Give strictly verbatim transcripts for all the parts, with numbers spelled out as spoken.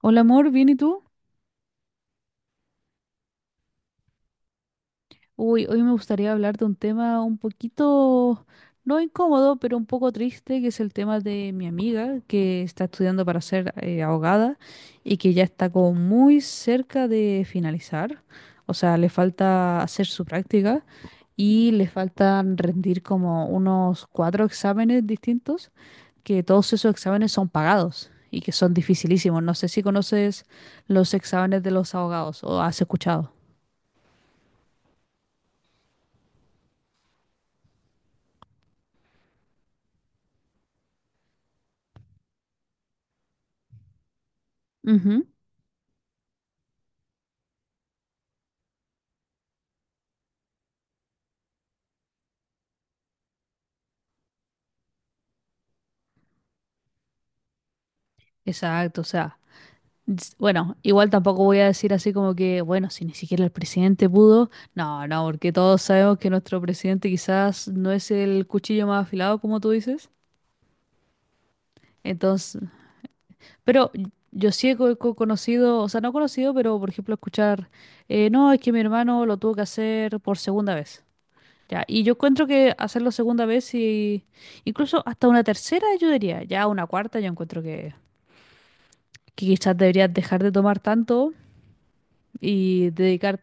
Hola amor, ¿bien y tú? Uy, hoy me gustaría hablar de un tema un poquito, no incómodo, pero un poco triste, que es el tema de mi amiga que está estudiando para ser eh, abogada y que ya está como muy cerca de finalizar. O sea, le falta hacer su práctica y le faltan rendir como unos cuatro exámenes distintos, que todos esos exámenes son pagados y que son dificilísimos. No sé si conoces los exámenes de los abogados o has escuchado. Ujú. Exacto, o sea, s- bueno, igual tampoco voy a decir así como que, bueno, si ni siquiera el presidente pudo, no, no, porque todos sabemos que nuestro presidente quizás no es el cuchillo más afilado, como tú dices. Entonces, pero yo sí he co- co- conocido, o sea, no conocido, pero por ejemplo escuchar, eh, no, es que mi hermano lo tuvo que hacer por segunda vez. Ya, y yo encuentro que hacerlo segunda vez y incluso hasta una tercera yo diría, ya una cuarta yo encuentro que, que quizás deberías dejar de tomar tanto y dedicar.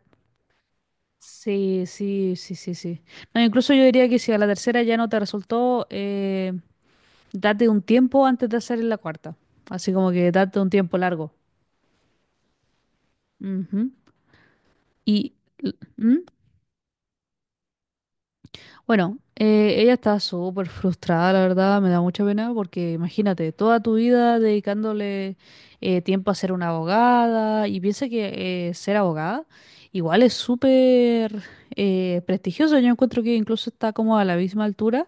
Sí, sí, sí, sí, sí. No, incluso yo diría que si a la tercera ya no te resultó, eh, date un tiempo antes de hacer la cuarta. Así como que date un tiempo largo. Ujú. Y, ¿mm? Bueno, eh, ella está súper frustrada, la verdad, me da mucha pena porque imagínate, toda tu vida dedicándole eh, tiempo a ser una abogada y piensa que eh, ser abogada igual es súper eh, prestigioso. Yo encuentro que incluso está como a la misma altura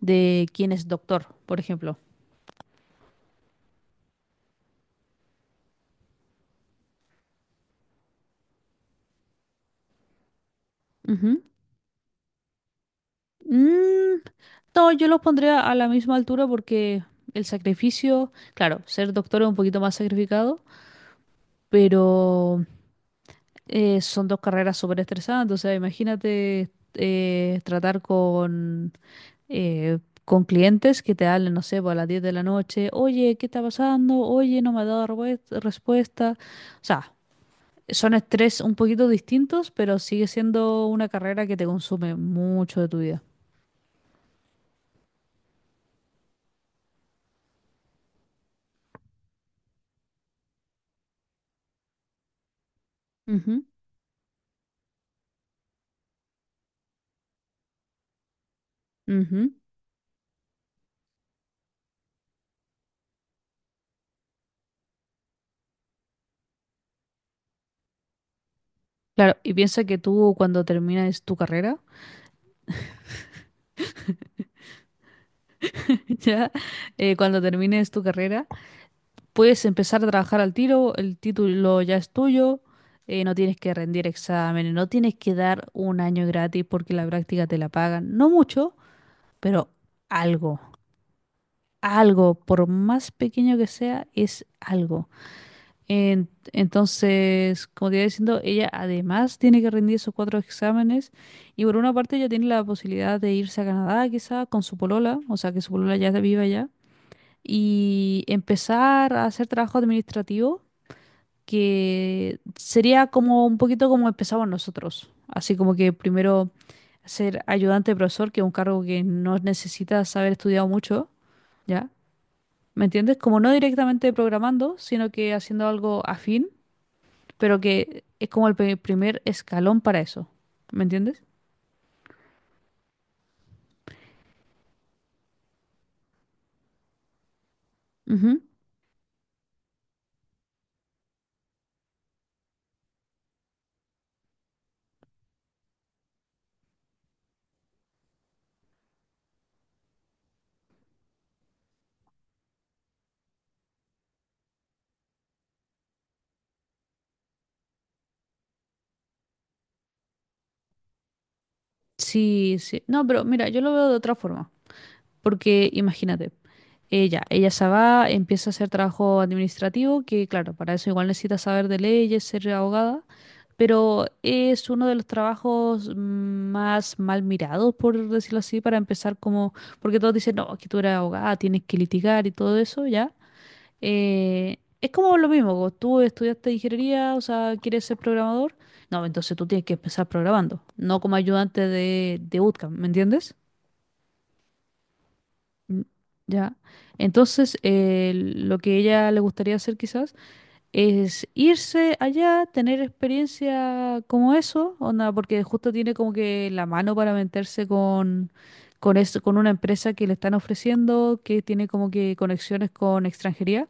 de quien es doctor, por ejemplo. Ujú. Mm, no, yo los pondría a la misma altura porque el sacrificio, claro, ser doctor es un poquito más sacrificado, pero... Eh, son dos carreras súper estresantes, o sea, imagínate eh, tratar con, eh, con clientes que te hablen, no sé, pues, a las diez de la noche, oye, ¿qué está pasando? Oye, no me ha dado repues- respuesta. O sea, son estrés un poquito distintos, pero sigue siendo una carrera que te consume mucho de tu vida. Ujú, ujú. Claro, y piensa que tú cuando terminas tu carrera, ya, eh, cuando termines tu carrera, puedes empezar a trabajar al tiro, el título ya es tuyo, eh, no tienes que rendir exámenes, no tienes que dar un año gratis porque la práctica te la pagan. No mucho, pero algo, algo, por más pequeño que sea, es algo. En- entonces, como te iba diciendo, ella además tiene que rendir esos cuatro exámenes y por una parte ella tiene la posibilidad de irse a Canadá quizá con su polola, o sea que su polola ya viva allá y empezar a hacer trabajo administrativo que sería como un poquito como empezamos nosotros, así como que primero ser ayudante de profesor, que es un cargo que no necesitas haber estudiado mucho, ¿ya? ¿Me entiendes? Como no directamente programando, sino que haciendo algo afín, pero que es como el pe- primer escalón para eso, ¿me entiendes? Ujú. Sí, sí. No, pero mira, yo lo veo de otra forma. Porque imagínate, ella, ella se va, empieza a hacer trabajo administrativo, que claro, para eso igual necesita saber de leyes, ser abogada, pero es uno de los trabajos más mal mirados, por decirlo así, para empezar como, porque todos dicen, no, que tú eres abogada, tienes que litigar y todo eso, ¿ya? Eh, es como lo mismo, como tú estudiaste ingeniería, o sea, quieres ser programador, no, entonces tú tienes que empezar programando, no como ayudante de, de bootcamp, ¿me entiendes? Mm. Ya. Entonces, eh, lo que ella le gustaría hacer quizás es irse allá, tener experiencia como eso, onda, porque justo tiene como que la mano para meterse con, con, esto- con una empresa que le están ofreciendo, que tiene como que conexiones con extranjería,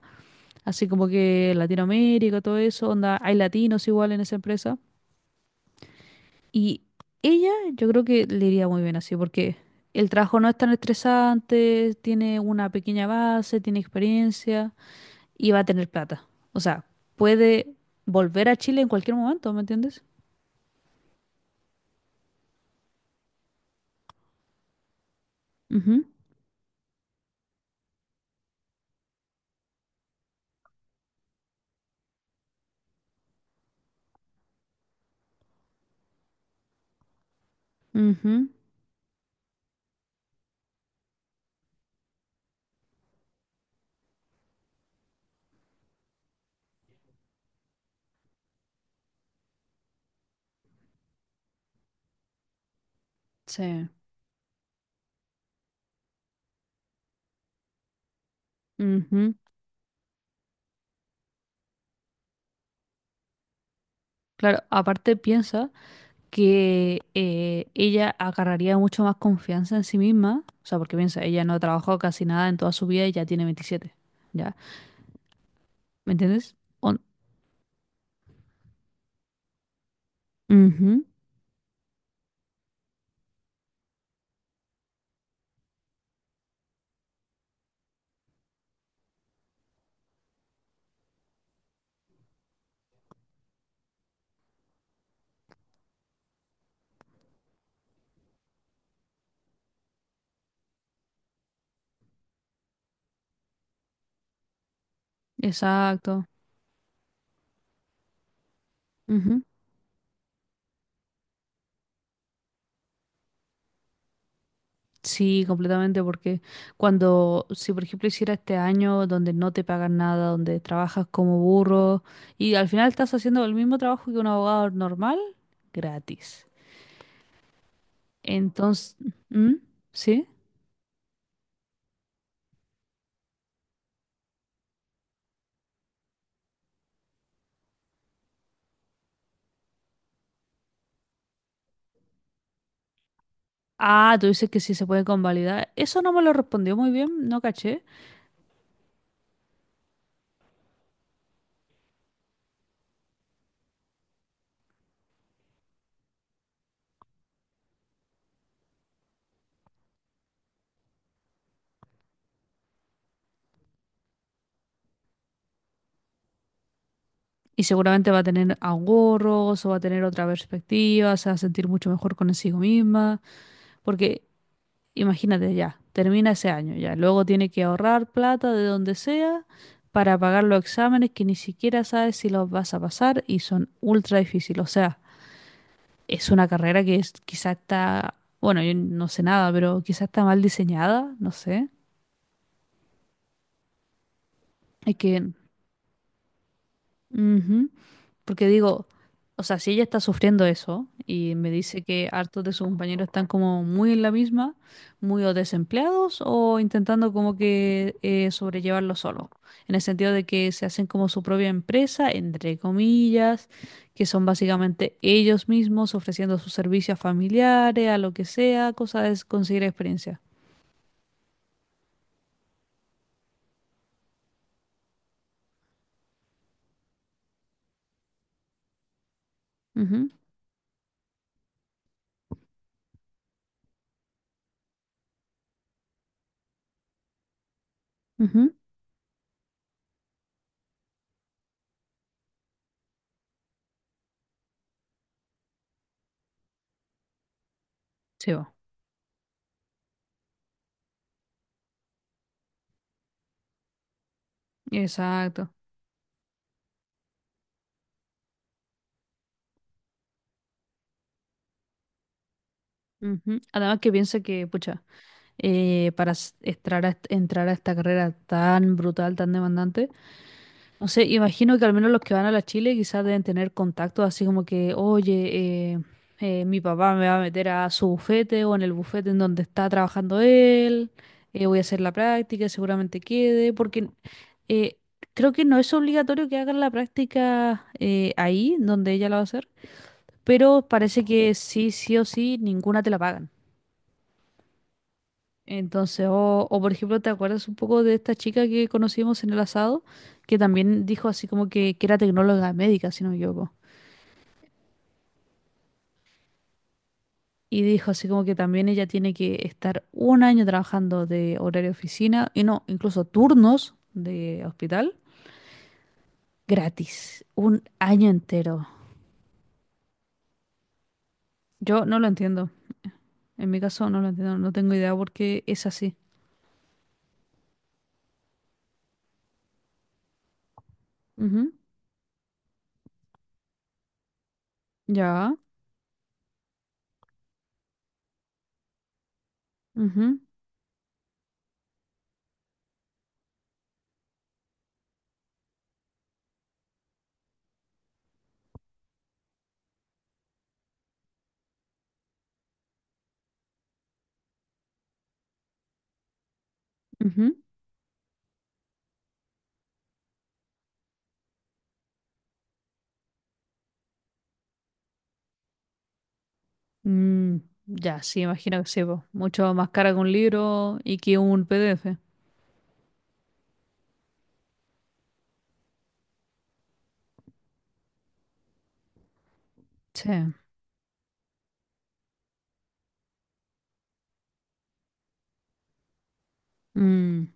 así como que Latinoamérica, todo eso, onda, hay latinos igual en esa empresa. Y ella yo creo que le iría muy bien así, porque el trabajo no es tan estresante, tiene una pequeña base, tiene experiencia y va a tener plata. O sea, puede volver a Chile en cualquier momento, ¿me entiendes? Ujú, ujú, sí. Ujú. Claro, aparte piensa que eh, ella agarraría mucho más confianza en sí misma, o sea, porque piensa, ella no ha trabajado casi nada en toda su vida y ya tiene veintisiete. ¿Ya? ¿Me entiendes? On- ujú, exacto. Ujú. Sí, completamente, porque cuando, si por ejemplo hiciera este año donde no te pagan nada, donde trabajas como burro y al final estás haciendo el mismo trabajo que un abogado normal, gratis. Entonces, ¿mm? ¿Sí? Ah, tú dices que sí se puede convalidar. Eso no me lo respondió muy bien, no caché. Y seguramente va a tener ahorros o va a tener otra perspectiva, se va a sentir mucho mejor consigo misma, porque imagínate, ya termina ese año ya. Luego tiene que ahorrar plata de donde sea para pagar los exámenes que ni siquiera sabes si los vas a pasar y son ultra difíciles. O sea, es una carrera que es, quizá está, bueno, yo no sé nada, pero quizá está mal diseñada, no sé. Es que. Ujú. Porque digo, o sea, si ella está sufriendo eso y me dice que hartos de sus compañeros están como muy en la misma, muy o desempleados o intentando como que eh, sobrellevarlo solo, en el sentido de que se hacen como su propia empresa, entre comillas, que son básicamente ellos mismos ofreciendo sus servicios a familiares, a lo que sea, cosa es conseguir experiencia. Ujú, ujú. Sí, va. Exacto. Ujú. Además que piensa que, pucha. eh, para s- entrar a, est- entrar a esta carrera tan brutal, tan demandante. No sé, imagino que al menos los que van a la Chile quizás deben tener contactos así como que, oye, eh, eh, mi papá me va a meter a su bufete o en el bufete en donde está trabajando él, eh, voy a hacer la práctica, seguramente quede, porque eh, creo que no es obligatorio que hagan la práctica eh, ahí, donde ella la va a hacer, pero parece que sí, sí o sí, ninguna te la pagan. Entonces, o, o por ejemplo, ¿te acuerdas un poco de esta chica que conocimos en el asado? Que también dijo así como que, que era tecnóloga médica, si no me equivoco. Y dijo así como que también ella tiene que estar un año trabajando de horario de oficina, y no, incluso turnos de hospital, gratis, un año entero. Yo no lo entiendo. En mi caso no lo entiendo, no tengo idea por qué es así. Ujú, ya. Ujú, ujú. Mm, ya, sí, imagino que sí, po. Mucho más cara que un libro y que un P D F. Sí. Mm,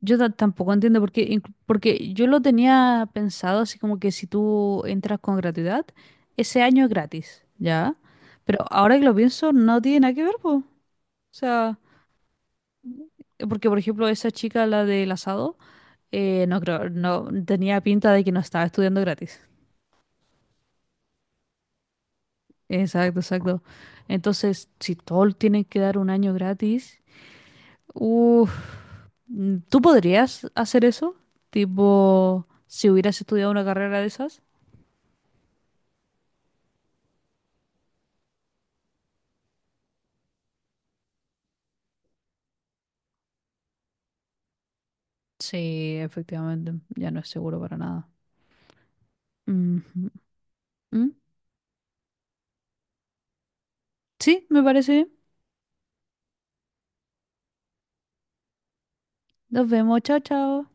yo ta- tampoco entiendo por qué, inclu- porque yo lo tenía pensado así como que si tú entras con gratuidad, ese año es gratis, ¿ya? Pero ahora que lo pienso, no tiene nada que ver, po. O sea, porque por ejemplo esa chica, la del asado, eh, no creo, no tenía pinta de que no estaba estudiando gratis. Exacto, exacto. Entonces, si todos tienen que dar un año gratis. Uf, mm, ¿tú podrías hacer eso? Tipo, si hubieras estudiado una carrera de esas. Sí, efectivamente, ya no es seguro para nada. Ujú. ¿Mm? Sí, me parece bien. Nos vemos, chao, chao.